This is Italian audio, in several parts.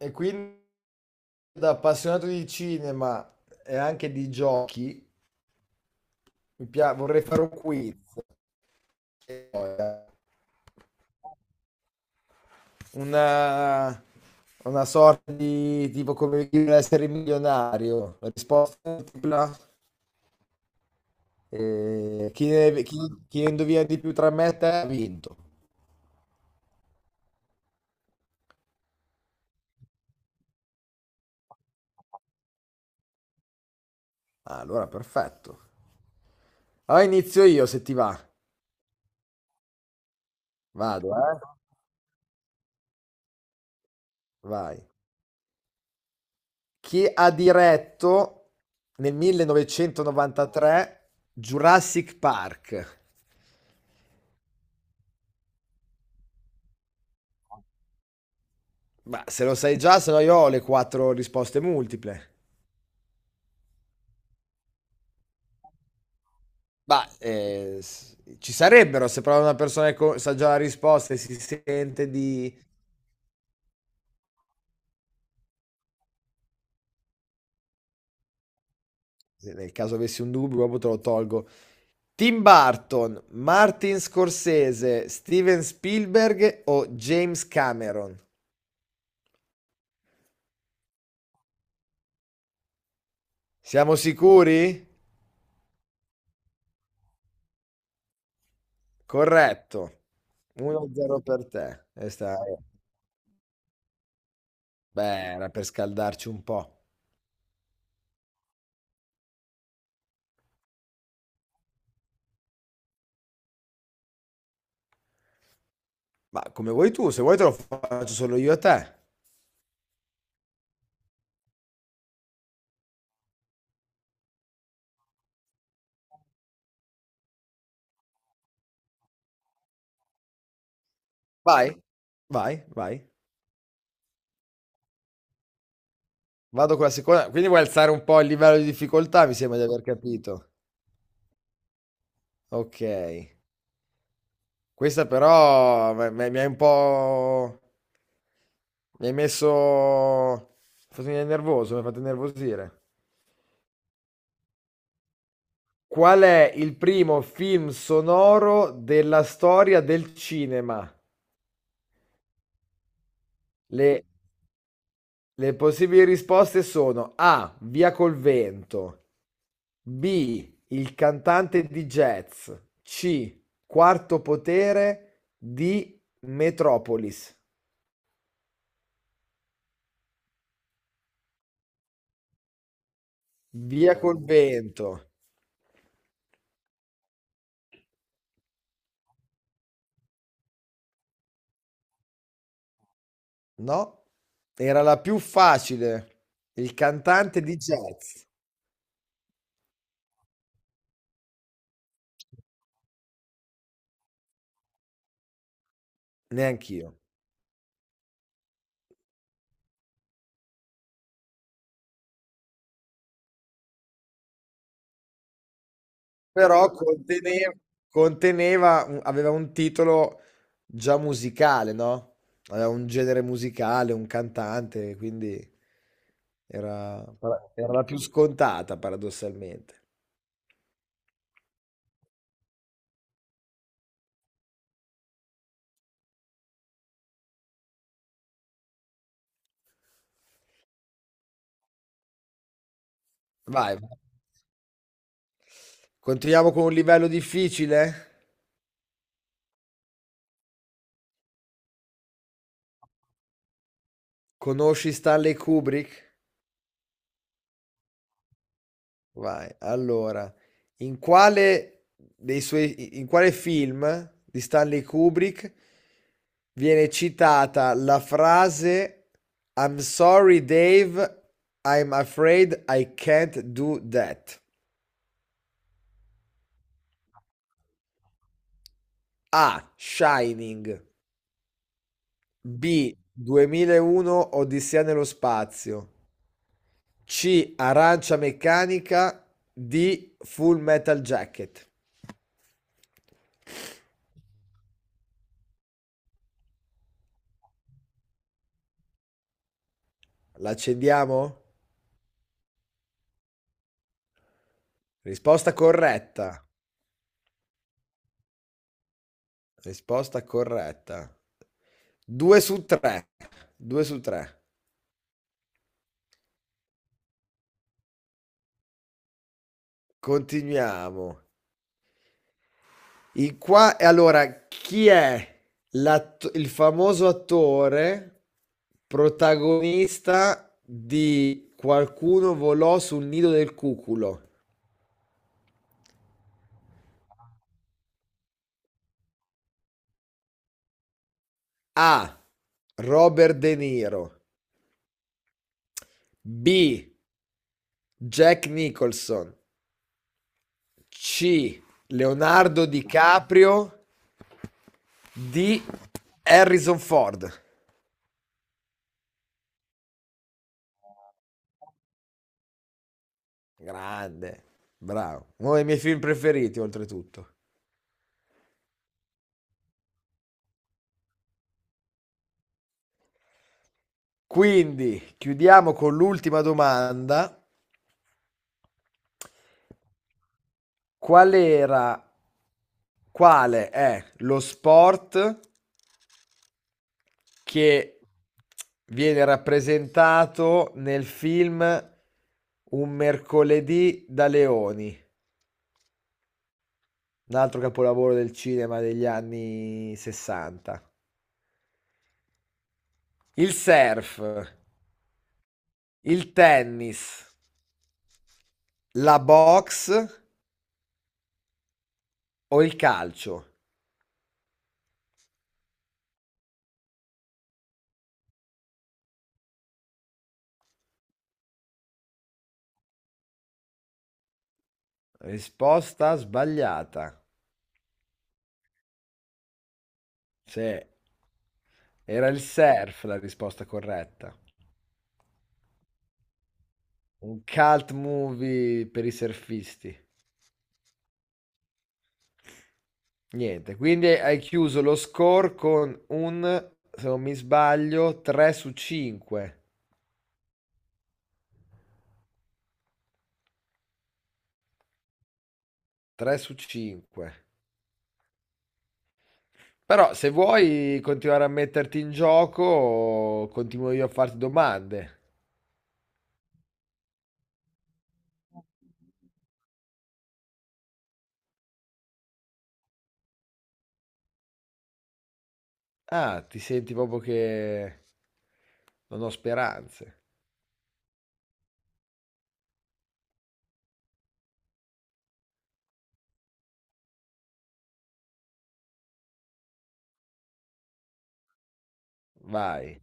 E quindi da appassionato di cinema e anche di giochi, vorrei fare un quiz, una, una sorta di tipo come Chi vuole essere milionario, la risposta multipla, e chi ne indovina di più tra me e te ha vinto. Ah, allora, perfetto. Allora inizio io se ti va. Vado, eh? Vai. Che ha diretto nel 1993 Jurassic Park. Ma se lo sai già, se no io ho le quattro risposte multiple. Ci sarebbero se però una persona che sa già la risposta e si sente di... se Nel caso avessi un dubbio, proprio te lo tolgo. Tim Burton, Martin Scorsese, Steven Spielberg o James Cameron? Siamo sicuri? Corretto. 1-0 per te. Beh, era per scaldarci un po'. Ma come vuoi tu, se vuoi te lo faccio solo io a te. Vai. Vai, vai. Vado con la seconda. Quindi vuoi alzare un po' il livello di difficoltà, mi sembra di aver capito. Okay. Questa però me me mi hai un po' mi hai messo mi hai fatto venire nervoso, mi hai fatto innervosire. Qual è il primo film sonoro della storia del cinema? Le, le possibili risposte sono A, Via col vento, B, Il cantante di jazz, C, Quarto potere, D, Metropolis. Via col vento. No, era la più facile. Il cantante di jazz. Neanch'io. Però aveva un titolo già musicale, no? Aveva un genere musicale, un cantante, quindi era, era la più scontata, paradossalmente. Vai, vai. Continuiamo con un livello difficile. Conosci Stanley Kubrick? Vai, allora, in quale, in quale film di Stanley Kubrick viene citata la frase I'm sorry, Dave, I'm afraid I can't do that? A. Shining. B. 2001 Odissea nello spazio. C. Arancia meccanica. D. Full Metal Jacket. L'accendiamo? Risposta corretta. Risposta corretta. 2 su 3. 2 su 3. Continuiamo. In qua e Allora chi è il famoso attore protagonista di Qualcuno volò sul nido del cuculo? A. Robert De Niro. B. Jack Nicholson. C. Leonardo DiCaprio. D. Harrison Ford. Grande, bravo. Uno dei miei film preferiti, oltretutto. Quindi, chiudiamo con l'ultima domanda. Qual era Quale è lo sport che viene rappresentato nel film Un mercoledì da leoni, un altro capolavoro del cinema degli anni 60. Il surf, il tennis, la box o il calcio? Risposta sbagliata. Sì, era il surf la risposta corretta. Un cult movie per i surfisti. Niente, quindi hai chiuso lo score con un, se non mi sbaglio, 3 su 5. 3 su 5. Però se vuoi continuare a metterti in gioco, continuo io a farti domande. Ah, ti senti proprio che non ho speranze. Vai.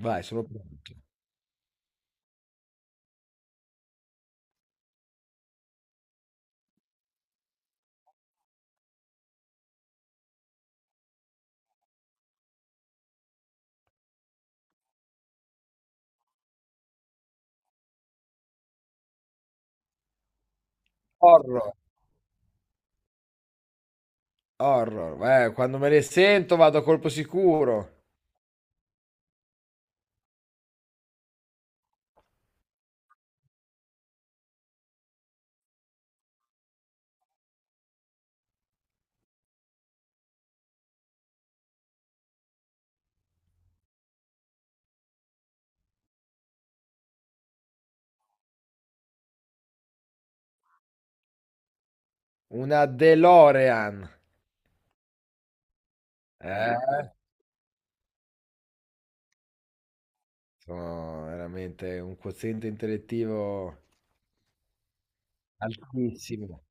Vai, sono pronto. Horror, horror. Quando me ne sento vado a colpo sicuro. Una DeLorean. Eh, sono veramente un quoziente intellettivo altissimo.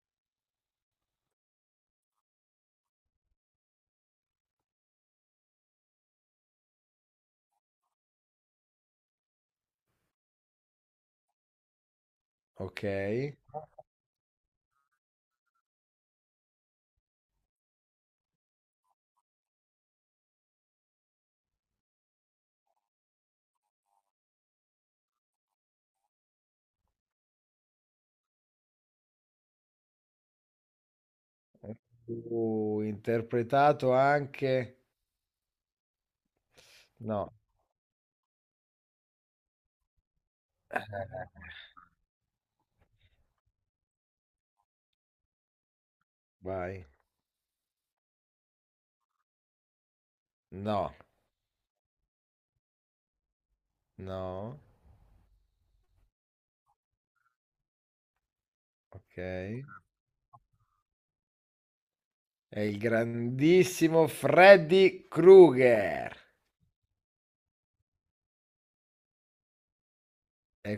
Ok. Interpretato anche... No. Eh, Vai. No. No. Ok. È il grandissimo Freddy Krueger. E